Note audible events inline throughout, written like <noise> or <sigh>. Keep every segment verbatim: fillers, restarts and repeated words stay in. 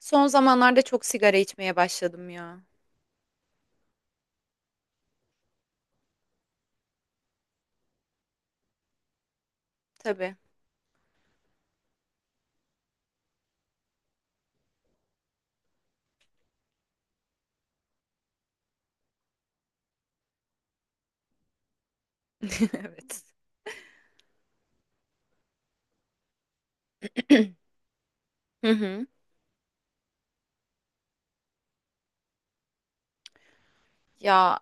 Son zamanlarda çok sigara içmeye başladım ya. Tabii. <laughs> Evet. Hı hı. Ya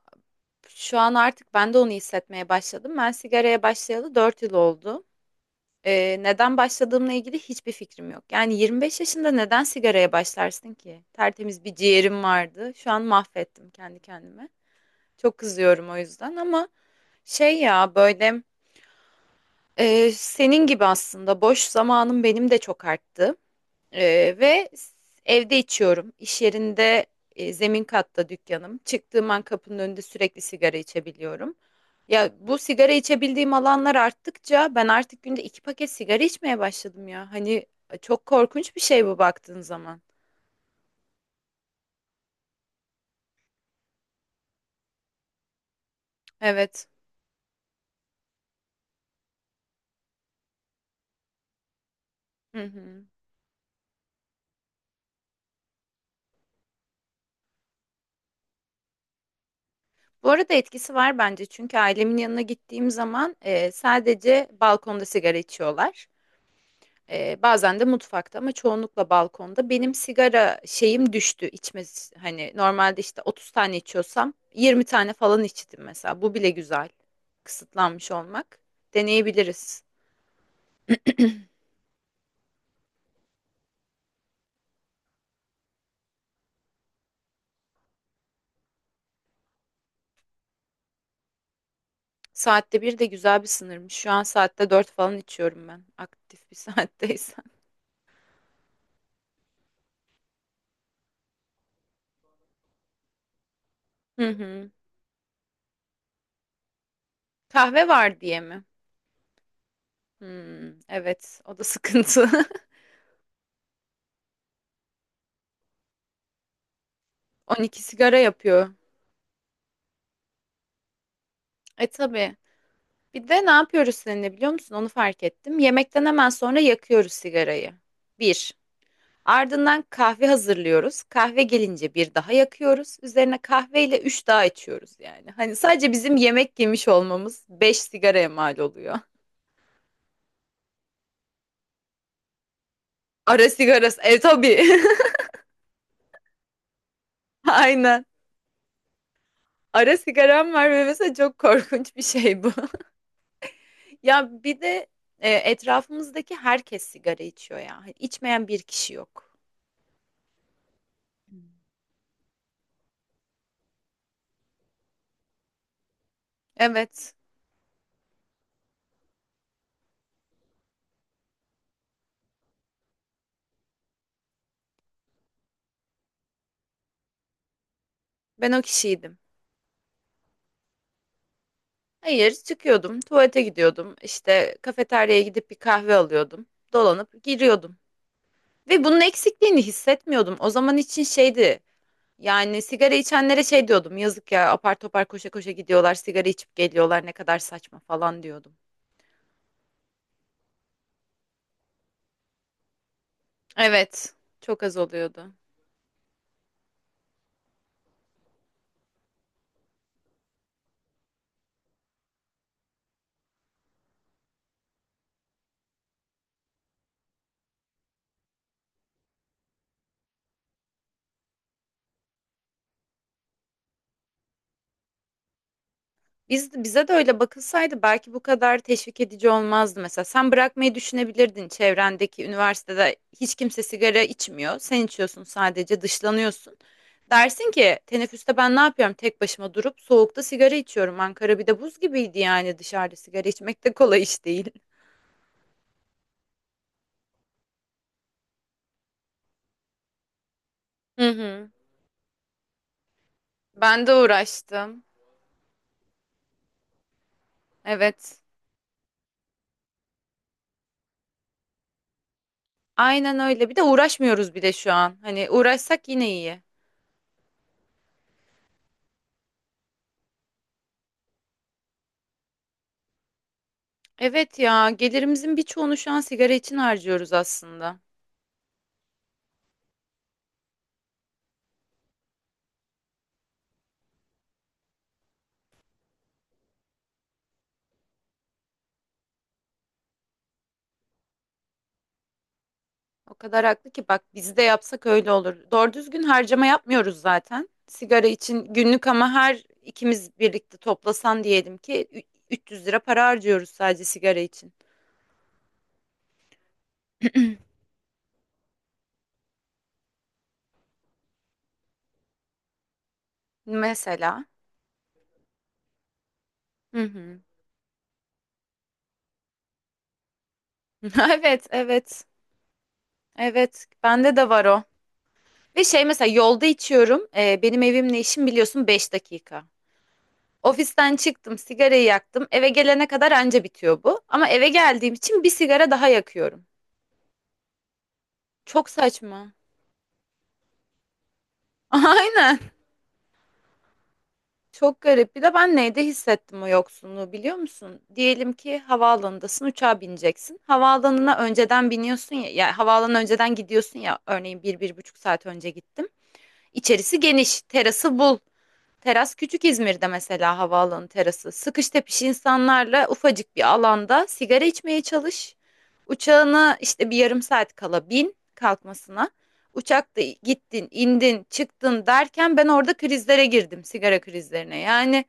şu an artık ben de onu hissetmeye başladım. Ben sigaraya başlayalı dört yıl oldu. Ee, neden başladığımla ilgili hiçbir fikrim yok. Yani yirmi beş yaşında neden sigaraya başlarsın ki? Tertemiz bir ciğerim vardı. Şu an mahvettim kendi kendime. Çok kızıyorum o yüzden, ama şey ya böyle e, senin gibi aslında boş zamanım benim de çok arttı. Ee, ve s- evde içiyorum. İş yerinde e, zemin katta dükkanım. Çıktığım an kapının önünde sürekli sigara içebiliyorum. Ya, bu sigara içebildiğim alanlar arttıkça ben artık günde iki paket sigara içmeye başladım ya. Hani e, çok korkunç bir şey bu baktığın zaman. Evet. Hı hı. Bu arada etkisi var bence, çünkü ailemin yanına gittiğim zaman e, sadece balkonda sigara içiyorlar. Ee, bazen de mutfakta, ama çoğunlukla balkonda. Benim sigara şeyim düştü, içme. Hani normalde işte otuz tane içiyorsam yirmi tane falan içtim mesela. Bu bile güzel. Kısıtlanmış olmak. Deneyebiliriz. Saatte bir de güzel bir sınırmış. Şu an saatte dört falan içiyorum ben. Aktif bir <laughs> saatteysen. Hı hı. Kahve var diye mi? Hmm, evet, o da sıkıntı. <laughs> on iki sigara yapıyor. E tabii. Bir de ne yapıyoruz seninle biliyor musun? Onu fark ettim. Yemekten hemen sonra yakıyoruz sigarayı. Bir. Ardından kahve hazırlıyoruz. Kahve gelince bir daha yakıyoruz. Üzerine kahveyle üç daha içiyoruz yani. Hani sadece bizim yemek yemiş olmamız beş sigaraya mal oluyor. Ara sigarası. E tabii. <laughs> Aynen. Ara sigaram var ve mesela çok korkunç bir şey bu. <laughs> Ya bir de e, etrafımızdaki herkes sigara içiyor ya. Hani içmeyen bir kişi yok. Evet. Ben o kişiydim. Hayır, çıkıyordum, tuvalete gidiyordum, işte kafeteryaya gidip bir kahve alıyordum, dolanıp giriyordum. Ve bunun eksikliğini hissetmiyordum. O zaman için şeydi, yani sigara içenlere şey diyordum, yazık ya, apar topar koşa koşa gidiyorlar, sigara içip geliyorlar, ne kadar saçma falan diyordum. Evet, çok az oluyordu. Biz, bize de öyle bakılsaydı belki bu kadar teşvik edici olmazdı mesela. Sen bırakmayı düşünebilirdin, çevrendeki üniversitede hiç kimse sigara içmiyor. Sen içiyorsun, sadece dışlanıyorsun. Dersin ki teneffüste ben ne yapıyorum, tek başıma durup soğukta sigara içiyorum. Ankara bir de buz gibiydi, yani dışarıda sigara içmek de kolay iş değil. Hı hı. Ben de uğraştım. Evet. Aynen öyle. Bir de uğraşmıyoruz bile şu an. Hani uğraşsak yine iyi. Evet ya, gelirimizin birçoğunu şu an sigara için harcıyoruz aslında. O kadar haklı ki, bak biz de yapsak öyle olur. Doğru düzgün harcama yapmıyoruz zaten. Sigara için günlük, ama her ikimiz birlikte toplasan diyelim ki ü- üç yüz lira para harcıyoruz sadece sigara için. Mesela. Hı hı. <laughs> Evet, evet. Evet, bende de var o. Ve şey, mesela yolda içiyorum. Ee, benim evimle işim biliyorsun beş dakika. Ofisten çıktım, sigarayı yaktım. Eve gelene kadar anca bitiyor bu. Ama eve geldiğim için bir sigara daha yakıyorum. Çok saçma. <laughs> Aynen. Çok garip. Bir de ben neyde hissettim o yoksunluğu biliyor musun? Diyelim ki havaalanındasın, uçağa bineceksin. Havaalanına önceden biniyorsun ya, yani havaalanına önceden gidiyorsun ya, örneğin bir, bir buçuk saat önce gittim. İçerisi geniş, terası bul. Teras küçük İzmir'de, mesela havaalanı terası. Sıkış tepiş insanlarla ufacık bir alanda sigara içmeye çalış. Uçağına işte bir yarım saat kala, bin kalkmasına. Uçakta gittin, indin, çıktın derken ben orada krizlere girdim, sigara krizlerine. Yani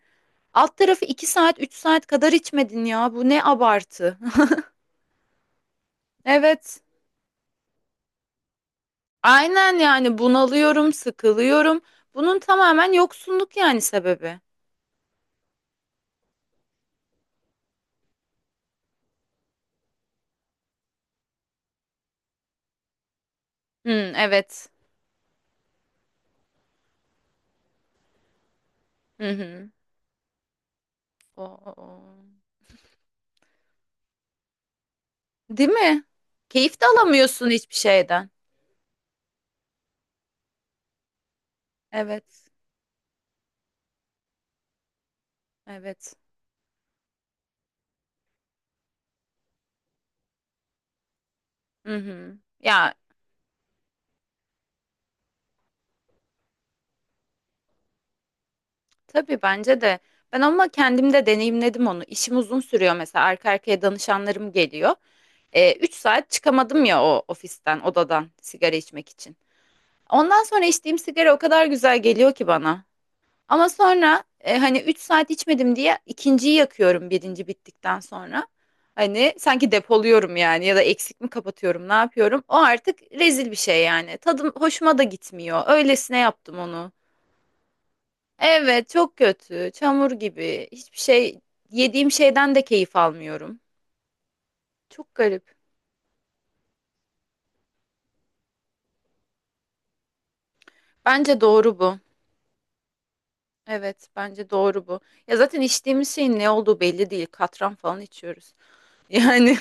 alt tarafı iki saat, üç saat kadar içmedin ya. Bu ne abartı. <laughs> Evet. Aynen, yani bunalıyorum, sıkılıyorum. Bunun tamamen yoksunluk yani sebebi. Hmm, evet. Hı hı. Oo. Değil mi? Keyif de alamıyorsun hiçbir şeyden. Evet, evet. Hı hı. Ya, tabii bence de. Ben ama kendim de deneyimledim onu. İşim uzun sürüyor mesela. Arka arkaya danışanlarım geliyor. E, üç saat çıkamadım ya o ofisten, odadan sigara içmek için. Ondan sonra içtiğim sigara o kadar güzel geliyor ki bana. Ama sonra e, hani üç saat içmedim diye ikinciyi yakıyorum birinci bittikten sonra. Hani sanki depoluyorum yani, ya da eksik mi kapatıyorum, ne yapıyorum? O artık rezil bir şey yani. Tadım hoşuma da gitmiyor. Öylesine yaptım onu. Evet, çok kötü. Çamur gibi. Hiçbir şey, yediğim şeyden de keyif almıyorum. Çok garip. Bence doğru bu. Evet, bence doğru bu. Ya zaten içtiğimiz şeyin ne olduğu belli değil. Katran falan içiyoruz. <laughs> Yani.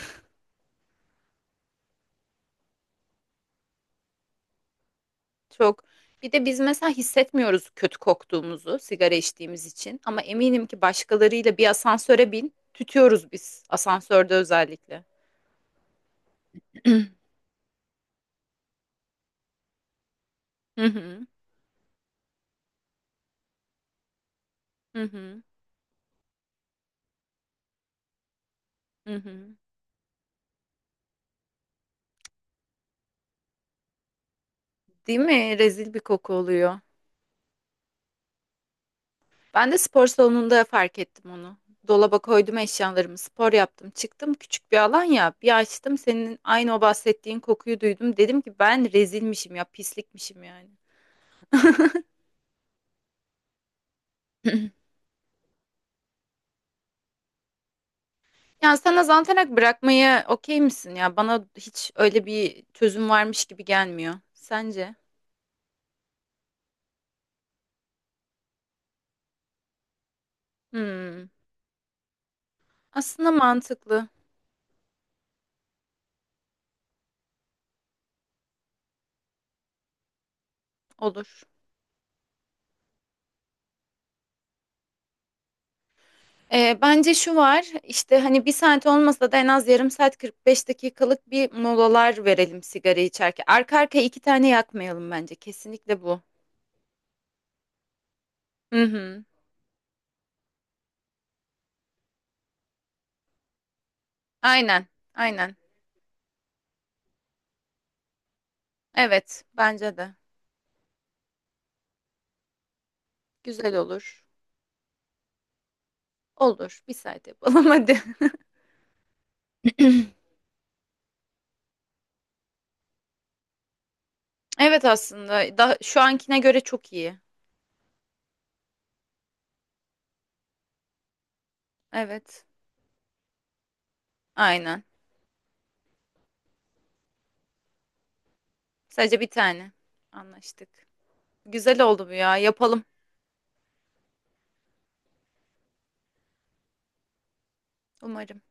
Çok. Bir de biz mesela hissetmiyoruz kötü koktuğumuzu sigara içtiğimiz için, ama eminim ki başkalarıyla bir asansöre bin, tütüyoruz biz asansörde özellikle. <clears throat> Hı hı, hı hı, hı hı. Değil mi? Rezil bir koku oluyor. Ben de spor salonunda fark ettim onu. Dolaba koydum eşyalarımı, spor yaptım, çıktım. Küçük bir alan ya. Bir açtım, senin aynı o bahsettiğin kokuyu duydum. Dedim ki ben rezilmişim ya, pislikmişim yani. <clears throat> Yani sana zantarak bırakmaya okey misin ya? Bana hiç öyle bir çözüm varmış gibi gelmiyor. Sence? Hmm. Aslında mantıklı olur. Ee, bence şu var işte, hani bir saat olmasa da en az yarım saat, kırk beş dakikalık bir molalar verelim sigara içerken. Arka arkaya iki tane yakmayalım bence. Kesinlikle bu. Hı hı. Aynen. Aynen. Evet. Bence de. Güzel olur. Olur. Bir saat yapalım <laughs> hadi. <clears throat> Evet, aslında da şu ankine göre çok iyi. Evet. Aynen. Sadece bir tane. Anlaştık. Güzel oldu bu ya. Yapalım. Umarım.